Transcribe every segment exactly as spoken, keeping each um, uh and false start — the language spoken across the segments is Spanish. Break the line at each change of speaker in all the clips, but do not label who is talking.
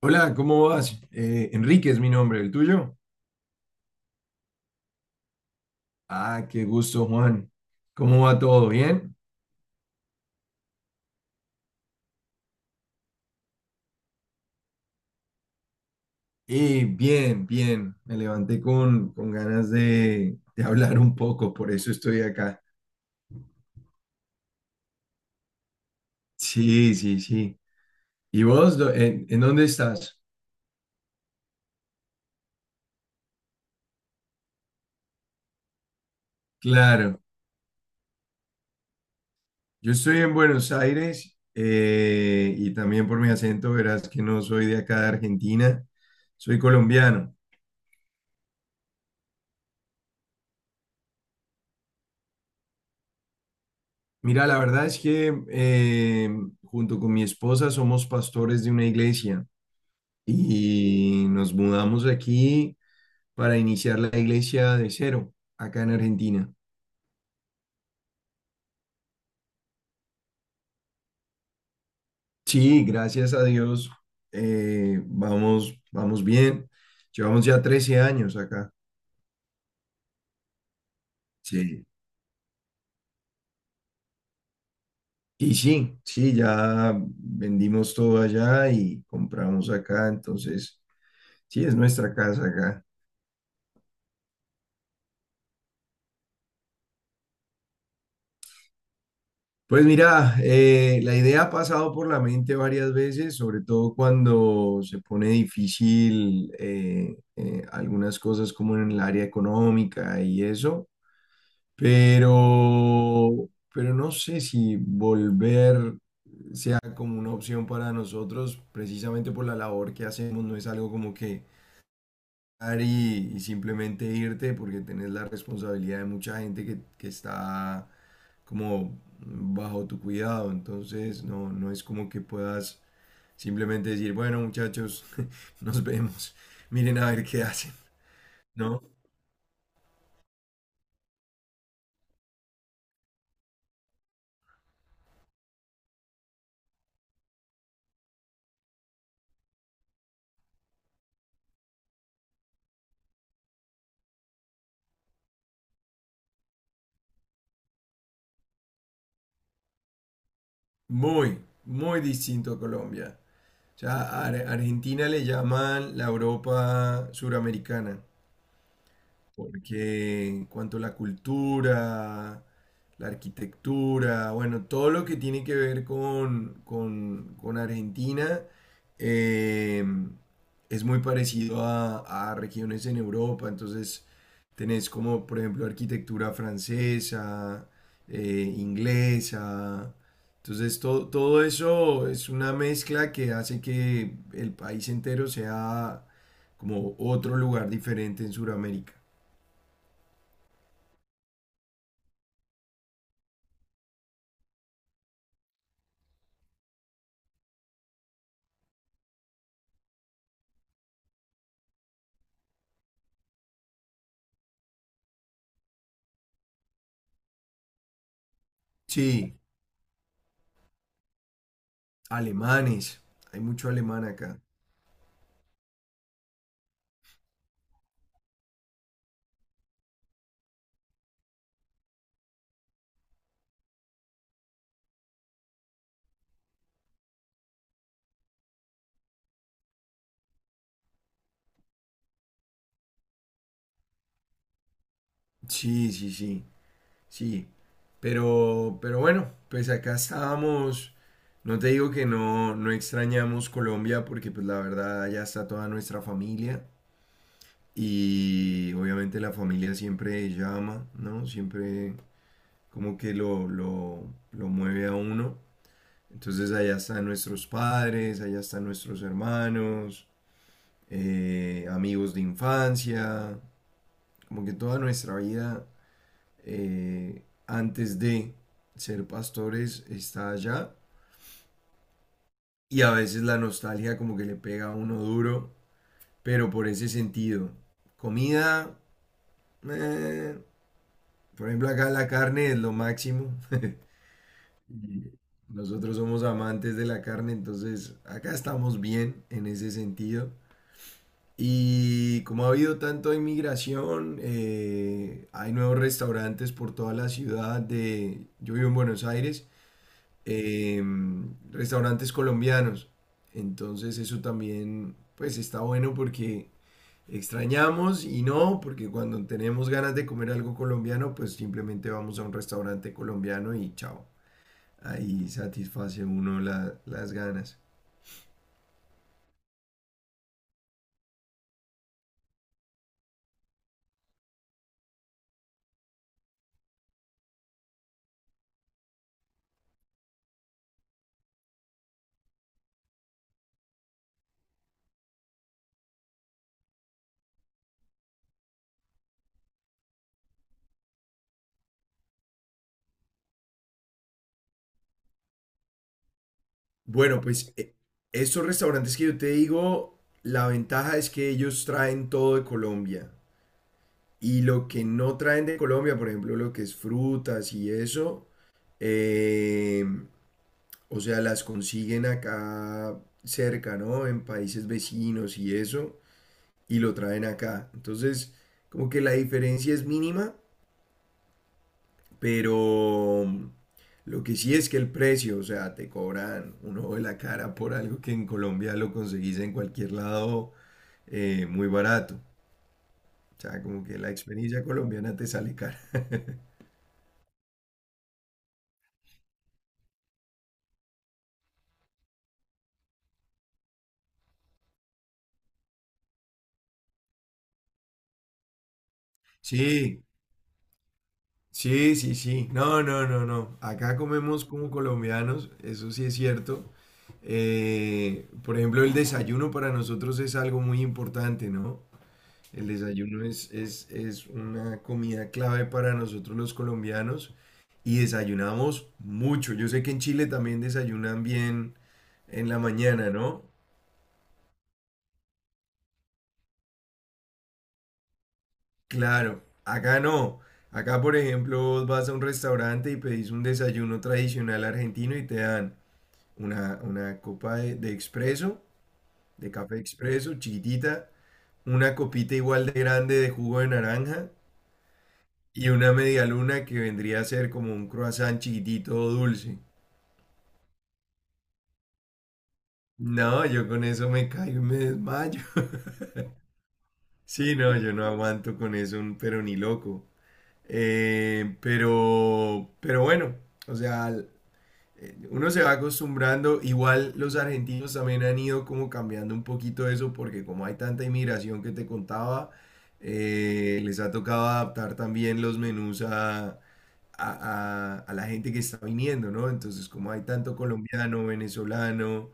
Hola, ¿cómo vas? Eh, Enrique es mi nombre, ¿el tuyo? Ah, qué gusto, Juan. ¿Cómo va todo? ¿Bien? Eh, bien, bien. Me levanté con, con ganas de, de hablar un poco, por eso estoy acá. Sí, sí, sí. ¿Y vos, do- en, ¿en dónde estás? Claro, yo estoy en Buenos Aires eh, y también por mi acento verás que no soy de acá de Argentina, soy colombiano. Mira, la verdad es que eh, junto con mi esposa somos pastores de una iglesia y nos mudamos aquí para iniciar la iglesia de cero, acá en Argentina. Sí, gracias a Dios, eh, vamos, vamos bien. Llevamos ya trece años acá. Sí. Y sí, sí, ya vendimos todo allá y compramos acá, entonces sí, es nuestra casa acá. Pues mira, eh, la idea ha pasado por la mente varias veces, sobre todo cuando se pone difícil eh, eh, algunas cosas como en el área económica y eso, pero, pero no sé si volver ya como una opción para nosotros, precisamente por la labor que hacemos, no es algo como que dar y, y simplemente irte porque tenés la responsabilidad de mucha gente que, que está como bajo tu cuidado, entonces no, no es como que puedas simplemente decir, bueno muchachos, nos vemos, miren a ver qué hacen, ¿no? Muy, muy distinto a Colombia. O sea, a Ar- Argentina le llaman la Europa suramericana. Porque en cuanto a la cultura, la arquitectura, bueno, todo lo que tiene que ver con, con- con Argentina eh, es muy parecido a, a regiones en Europa. Entonces, tenés como, por ejemplo, arquitectura francesa, eh, inglesa. Entonces, to- todo eso es una mezcla que hace que el país entero sea como otro lugar diferente en Sudamérica. Sí, alemanes. Hay mucho alemán acá. Sí, sí, sí, sí. Pero, pero bueno, pues acá estábamos. No te digo que no, no extrañamos Colombia porque pues la verdad allá está toda nuestra familia y obviamente la familia siempre llama, ¿no? Siempre como que lo, lo, lo mueve a uno. Entonces allá están nuestros padres, allá están nuestros hermanos, eh, amigos de infancia. Como que toda nuestra vida eh, antes de ser pastores está allá. Y a veces la nostalgia como que le pega a uno duro, pero por ese sentido. Comida, eh, por ejemplo acá la carne es lo máximo. Y nosotros somos amantes de la carne, entonces acá estamos bien en ese sentido. Y como ha habido tanta inmigración, eh, hay nuevos restaurantes por toda la ciudad de, yo vivo en Buenos Aires, eh, restaurantes colombianos. Entonces eso también, pues está bueno porque extrañamos y no, porque cuando tenemos ganas de comer algo colombiano, pues simplemente vamos a un restaurante colombiano y chao. Ahí satisface uno la- las ganas. Bueno, pues eh, estos restaurantes que yo te digo, la ventaja es que ellos traen todo de Colombia. Y lo que no traen de Colombia, por ejemplo, lo que es frutas y eso, eh, o sea, las consiguen acá cerca, ¿no? En países vecinos y eso, y lo traen acá. Entonces, como que la diferencia es mínima. Pero lo que sí es que el precio, o sea, te cobran un ojo de la cara por algo que en Colombia lo conseguís en cualquier lado eh, muy barato. O sea, como que la experiencia colombiana te sale cara. Sí, sí, sí, sí. No, no, no, no. Acá comemos como colombianos, eso sí es cierto. Eh, por ejemplo, el desayuno para nosotros es algo muy importante, ¿no? El desayuno es, es, es una comida clave para nosotros los colombianos y desayunamos mucho. Yo sé que en Chile también desayunan bien en la mañana, ¿no? Claro, acá no. Acá, por ejemplo, vos vas a un restaurante y pedís un desayuno tradicional argentino y te dan una, una copa de, de expreso, de café expreso, chiquitita, una copita igual de grande de jugo de naranja y una media luna que vendría a ser como un croissant chiquitito dulce. No, yo con eso me caigo y me desmayo. Sí, no, yo no aguanto con eso, un- pero ni loco. Eh, pero, pero bueno, o sea, l- eh, uno se va acostumbrando. Igual los argentinos también han ido como cambiando un poquito eso, porque como hay tanta inmigración que te contaba, eh, les ha tocado adaptar también los menús a, a, a- a la gente que está viniendo, ¿no? Entonces, como hay tanto colombiano, venezolano,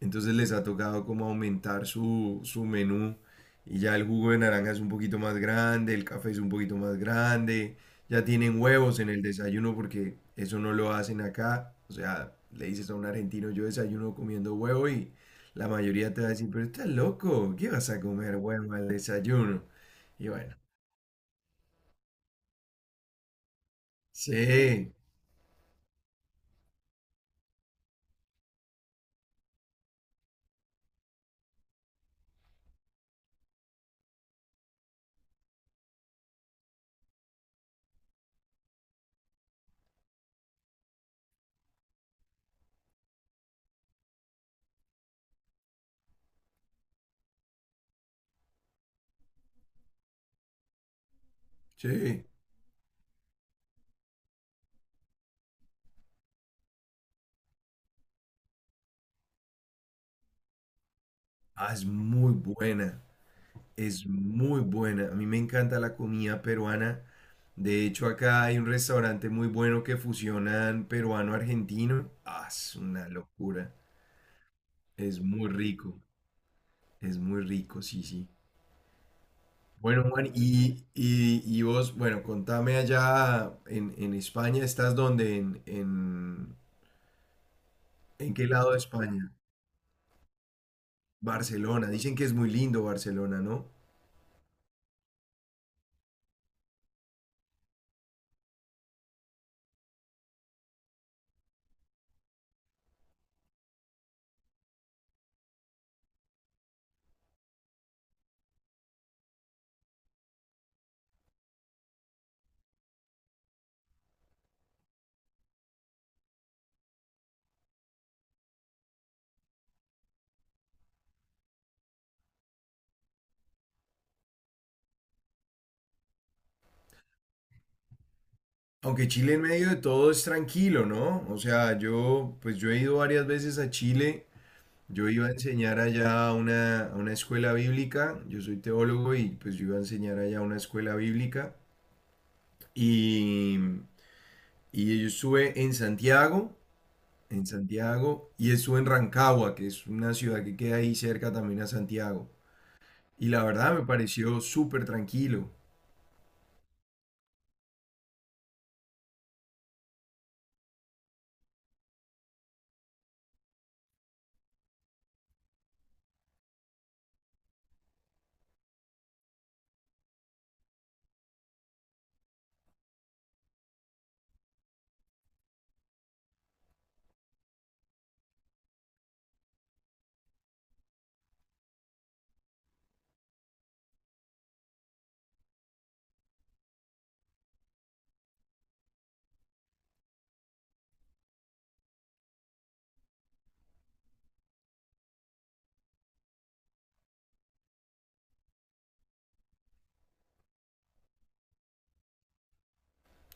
entonces les ha tocado como aumentar su, su menú y ya el jugo de naranja es un poquito más grande, el café es un poquito más grande, ya tienen huevos en el desayuno porque eso no lo hacen acá. O sea, le dices a un argentino, yo desayuno comiendo huevo y la mayoría te va a decir, pero estás loco, ¿qué vas a comer huevo al desayuno? Y bueno, sí, sí, ah, es muy buena, es muy buena. A mí me encanta la comida peruana. De hecho, acá hay un restaurante muy bueno que fusionan peruano-argentino. Ah, es una locura. Es muy rico. Es muy rico, sí, sí. Bueno, Juan, y, y, y vos, bueno, contame allá en, en España, ¿estás dónde? ¿En, en, en qué lado de España? Barcelona. Dicen que es muy lindo Barcelona, ¿no? Aunque Chile en medio de todo es tranquilo, ¿no? O sea, yo, pues yo he ido varias veces a Chile. Yo iba a enseñar allá a una, a una escuela bíblica, yo soy teólogo y pues yo iba a enseñar allá a una escuela bíblica y, y yo estuve en Santiago, en Santiago y estuve en Rancagua, que es una ciudad que queda ahí cerca también a Santiago. Y la verdad me pareció súper tranquilo.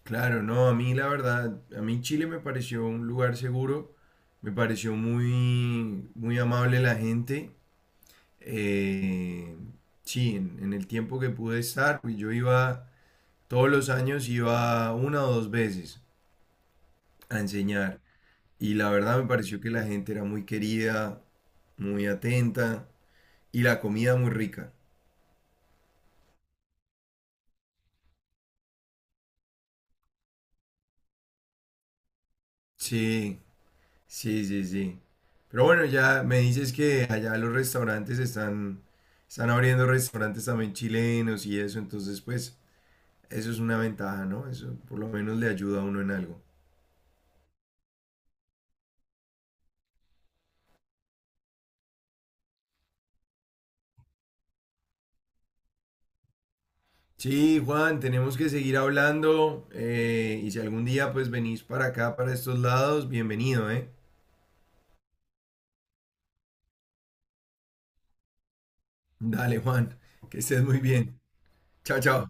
Claro, no, a mí la verdad, a mí Chile me pareció un lugar seguro, me pareció muy, muy amable la gente. eh, sí, en, en el tiempo que pude estar, pues, yo iba, todos los años iba una o dos veces a enseñar. Y la verdad me pareció que la gente era muy querida, muy atenta y la comida muy rica. Sí, sí, sí, sí. Pero bueno, ya me dices que allá los restaurantes están, están abriendo restaurantes también chilenos y eso, entonces pues eso es una ventaja, ¿no? Eso por lo menos le ayuda a uno en algo. Sí, Juan, tenemos que seguir hablando eh, y si algún día pues venís para acá, para estos lados, bienvenido, ¿eh? Dale, Juan, que estés muy bien. Chao, chao.